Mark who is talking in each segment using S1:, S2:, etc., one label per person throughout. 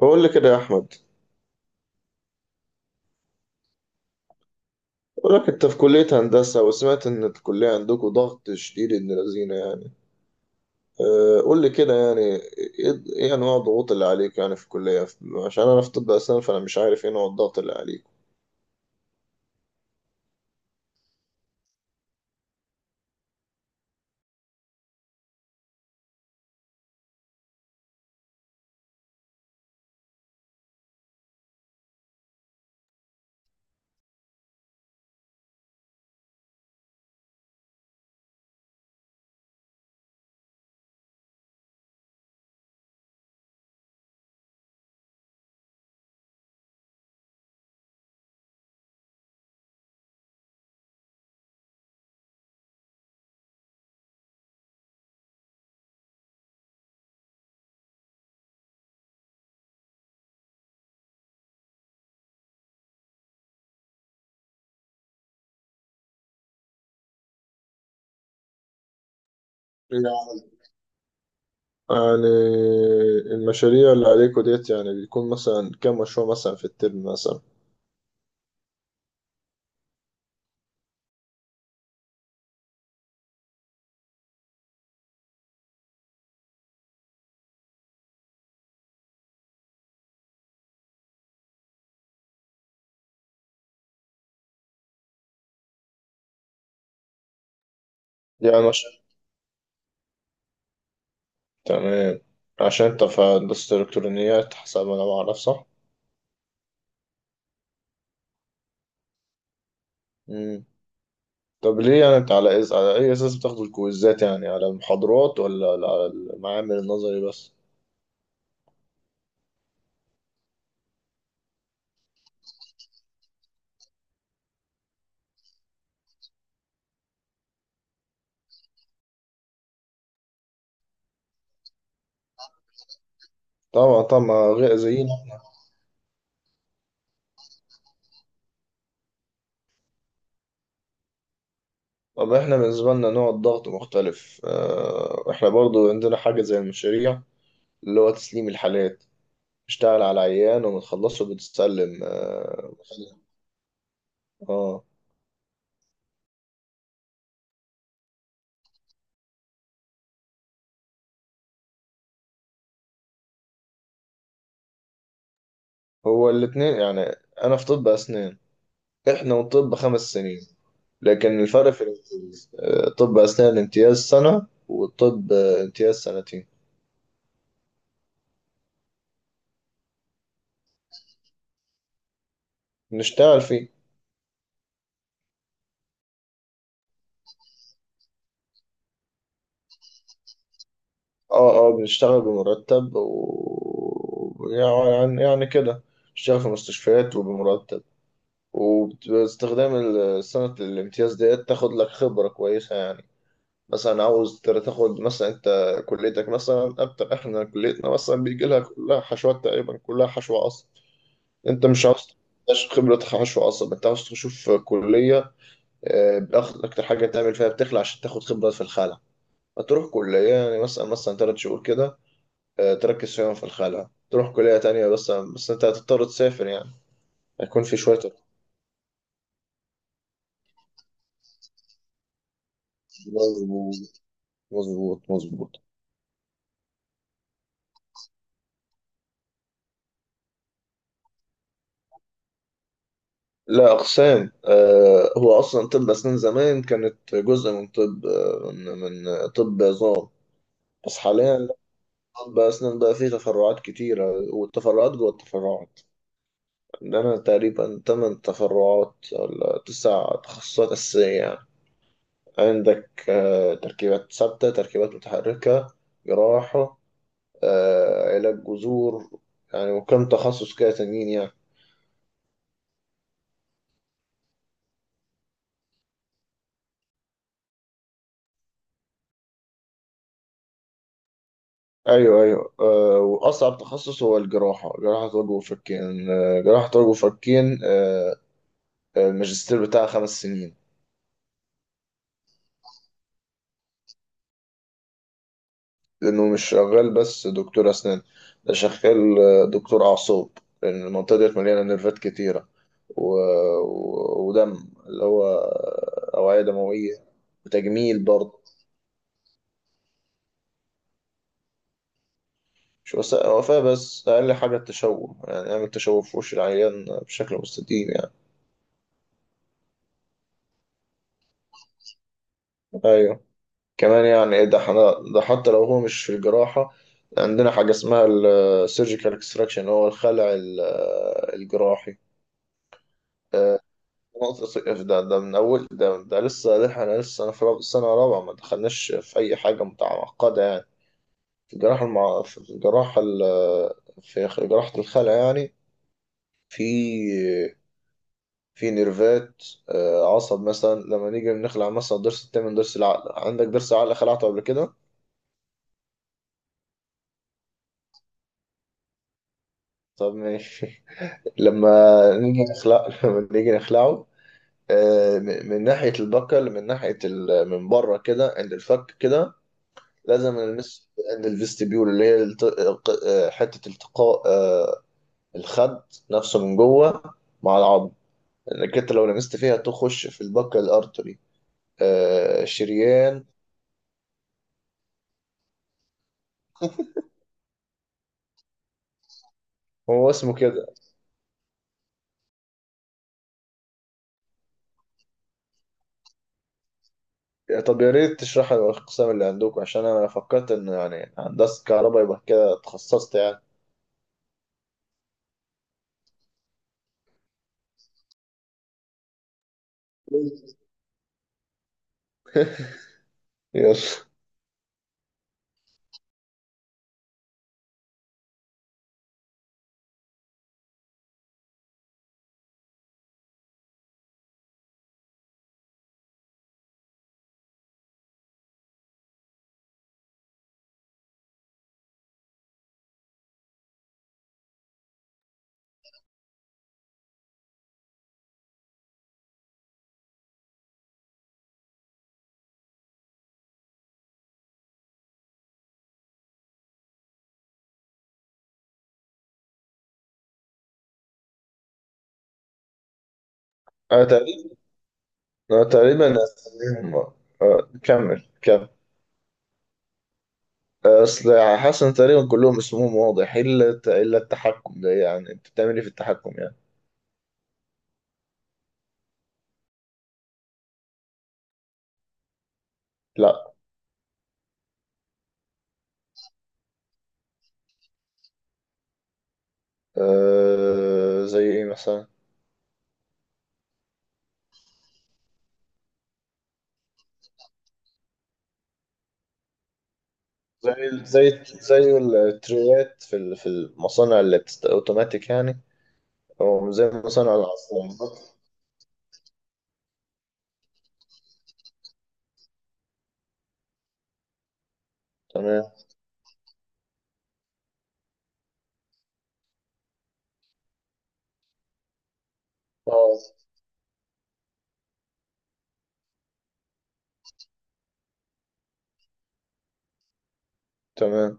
S1: بقول لي كده يا احمد. بقول لك انت في كليه هندسه، وسمعت ان الكليه عندكم ضغط شديد، ابن لذينه يعني. أه، قول لي كده، يعني ايه انواع الضغوط اللي عليك يعني في الكليه؟ عشان انا في طب اسنان، فانا مش عارف ايه نوع الضغط اللي عليك. يعني المشاريع اللي عليكوا ديت، يعني بيكون مثلا كام مشروع مثلا في الترم مثلا؟ يعني مش تمام، عشان انت في هندسة الإلكترونيات حسب ما انا بعرف، صح؟ طب ليه، يعني انت على اي اساس بتاخدوا الكويزات؟ يعني على المحاضرات ولا على المعامل النظري بس؟ طبعا طبعا، غير زينا. طب احنا بالنسبه لنا نوع الضغط مختلف، اه، احنا برضو عندنا حاجه زي المشاريع، اللي هو تسليم الحالات. اشتغل على عيان وبتخلصه بتسلم، اه. اه. هو الاتنين يعني. انا في طب اسنان، احنا وطب 5 سنين. لكن الفرق في الامتياز، طب اسنان امتياز سنه، والطب، امتياز سنتين. نشتغل فيه. اه اه، بنشتغل بمرتب و يعني كده. بشتغل في مستشفيات وبمرتب، وباستخدام سنة الامتياز ديت تاخد لك خبرة كويسة يعني. مثلا عاوز تاخد مثلا انت كليتك مثلا اكتر، احنا كليتنا مثلا بيجي لها كلها حشوات تقريبا، كلها حشو عصب. انت مش عاوز تخش خبرة حشو عصب، انت عاوز تشوف كلية، اكتر حاجة تعمل فيها بتخلع عشان تاخد خبرة في الخلع. هتروح كلية يعني مثلا 3 شهور كده، تركز فيهم في الخلع، تروح كلية تانية، بس انت هتضطر تسافر يعني. هيكون في شوية. مظبوط، مظبوط مظبوط. لا، أقسام. هو أصلا طب أسنان زمان كانت جزء من طب آه، من من طب عظام. بس حاليا لا. طب أسنان بقى فيه تفرعات كتيرة، والتفرعات جوه التفرعات. عندنا تقريبا تمن تفرعات ولا تسع تخصصات أساسية يعني. عندك، تركيبات ثابتة، تركيبات متحركة، جراحة، علاج جذور، يعني وكم تخصص كده تانيين يعني. ايوه ايوه، واصعب تخصص هو الجراحه، جراحه وجه وفكين، جراحه وجه وفكين. الماجستير بتاعها 5 سنين. لانه مش شغال بس دكتور اسنان، ده شغال دكتور اعصاب. لان المنطقه ديت مليانه نيرفات كتيره، و... ودم، اللي هو اوعيه دمويه. وتجميل برضه. مش بس وفاة، بس أقل حاجة التشوه، يعني أعمل تشوه في وش العيان بشكل مستديم يعني. ايوه. كمان، يعني ايه ده حتى لو هو مش في الجراحة، عندنا حاجة اسمها السيرجيكال اكستراكشن، هو الخلع الجراحي. آه، ده من أول، ده لسه أنا في سنة رابعة، ما دخلناش في أي حاجة متعقدة يعني في الجراحة المع... في الجراحة ال... في جراحة الخلع يعني، في في نيرفات، عصب. مثلا لما نيجي بنخلع مثلا ضرس التامن، ضرس العقل، عندك ضرس العقل خلعته قبل كده؟ طب ماشي. لما نيجي نخلع لما نيجي نخلعه، من ناحية البكل، من بره كده عند الفك كده، لازم نلمس عند الفيستبيول، اللي هي الت... ق- آه، حتة التقاء الخد نفسه من جوه مع العظم. لأنك أنت لو لمست فيها تخش في البكل الأرتري، شريان. هو اسمه كده. طب يا ريت تشرح لي الأقسام اللي عندكم، عشان أنا فكرت إنه يعني هندسة كهرباء يبقى كده اتخصصت يعني. يلا. أنا أنا تقريبا أساميهم، كمل كمل. أصل حاسس إن تقريبا كلهم اسمهم واضح، إلا التحكم ده. يعني أنت بتعمل إيه في التحكم يعني؟ لأ. أه، زي إيه مثلا؟ زي التريات في المصانع اللي بتست أوتوماتيك يعني، أو زي مصانع العصير. تمام. أه، تمام.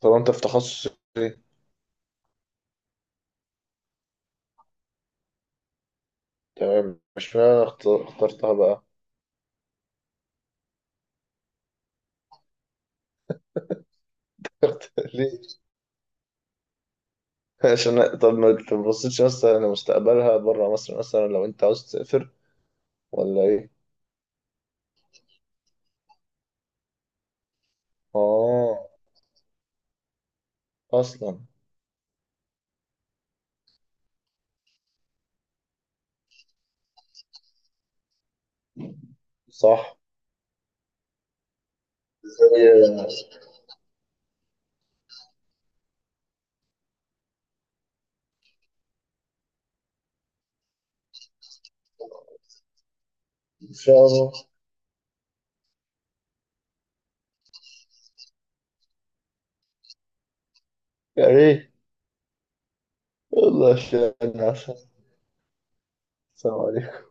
S1: طب أنت في تخصص إيه؟ تمام. مش معنى، أنا اخترتها بقى. ليه؟ عشان طب ما تبصيتش مثلا لمستقبلها بره مصر مثلا؟ لو انت عاوز تسافر ولا ايه؟ اه. اصلا. صح. إيه. ان شاء الله. يا ريت. والله، عشان، السلام عليكم.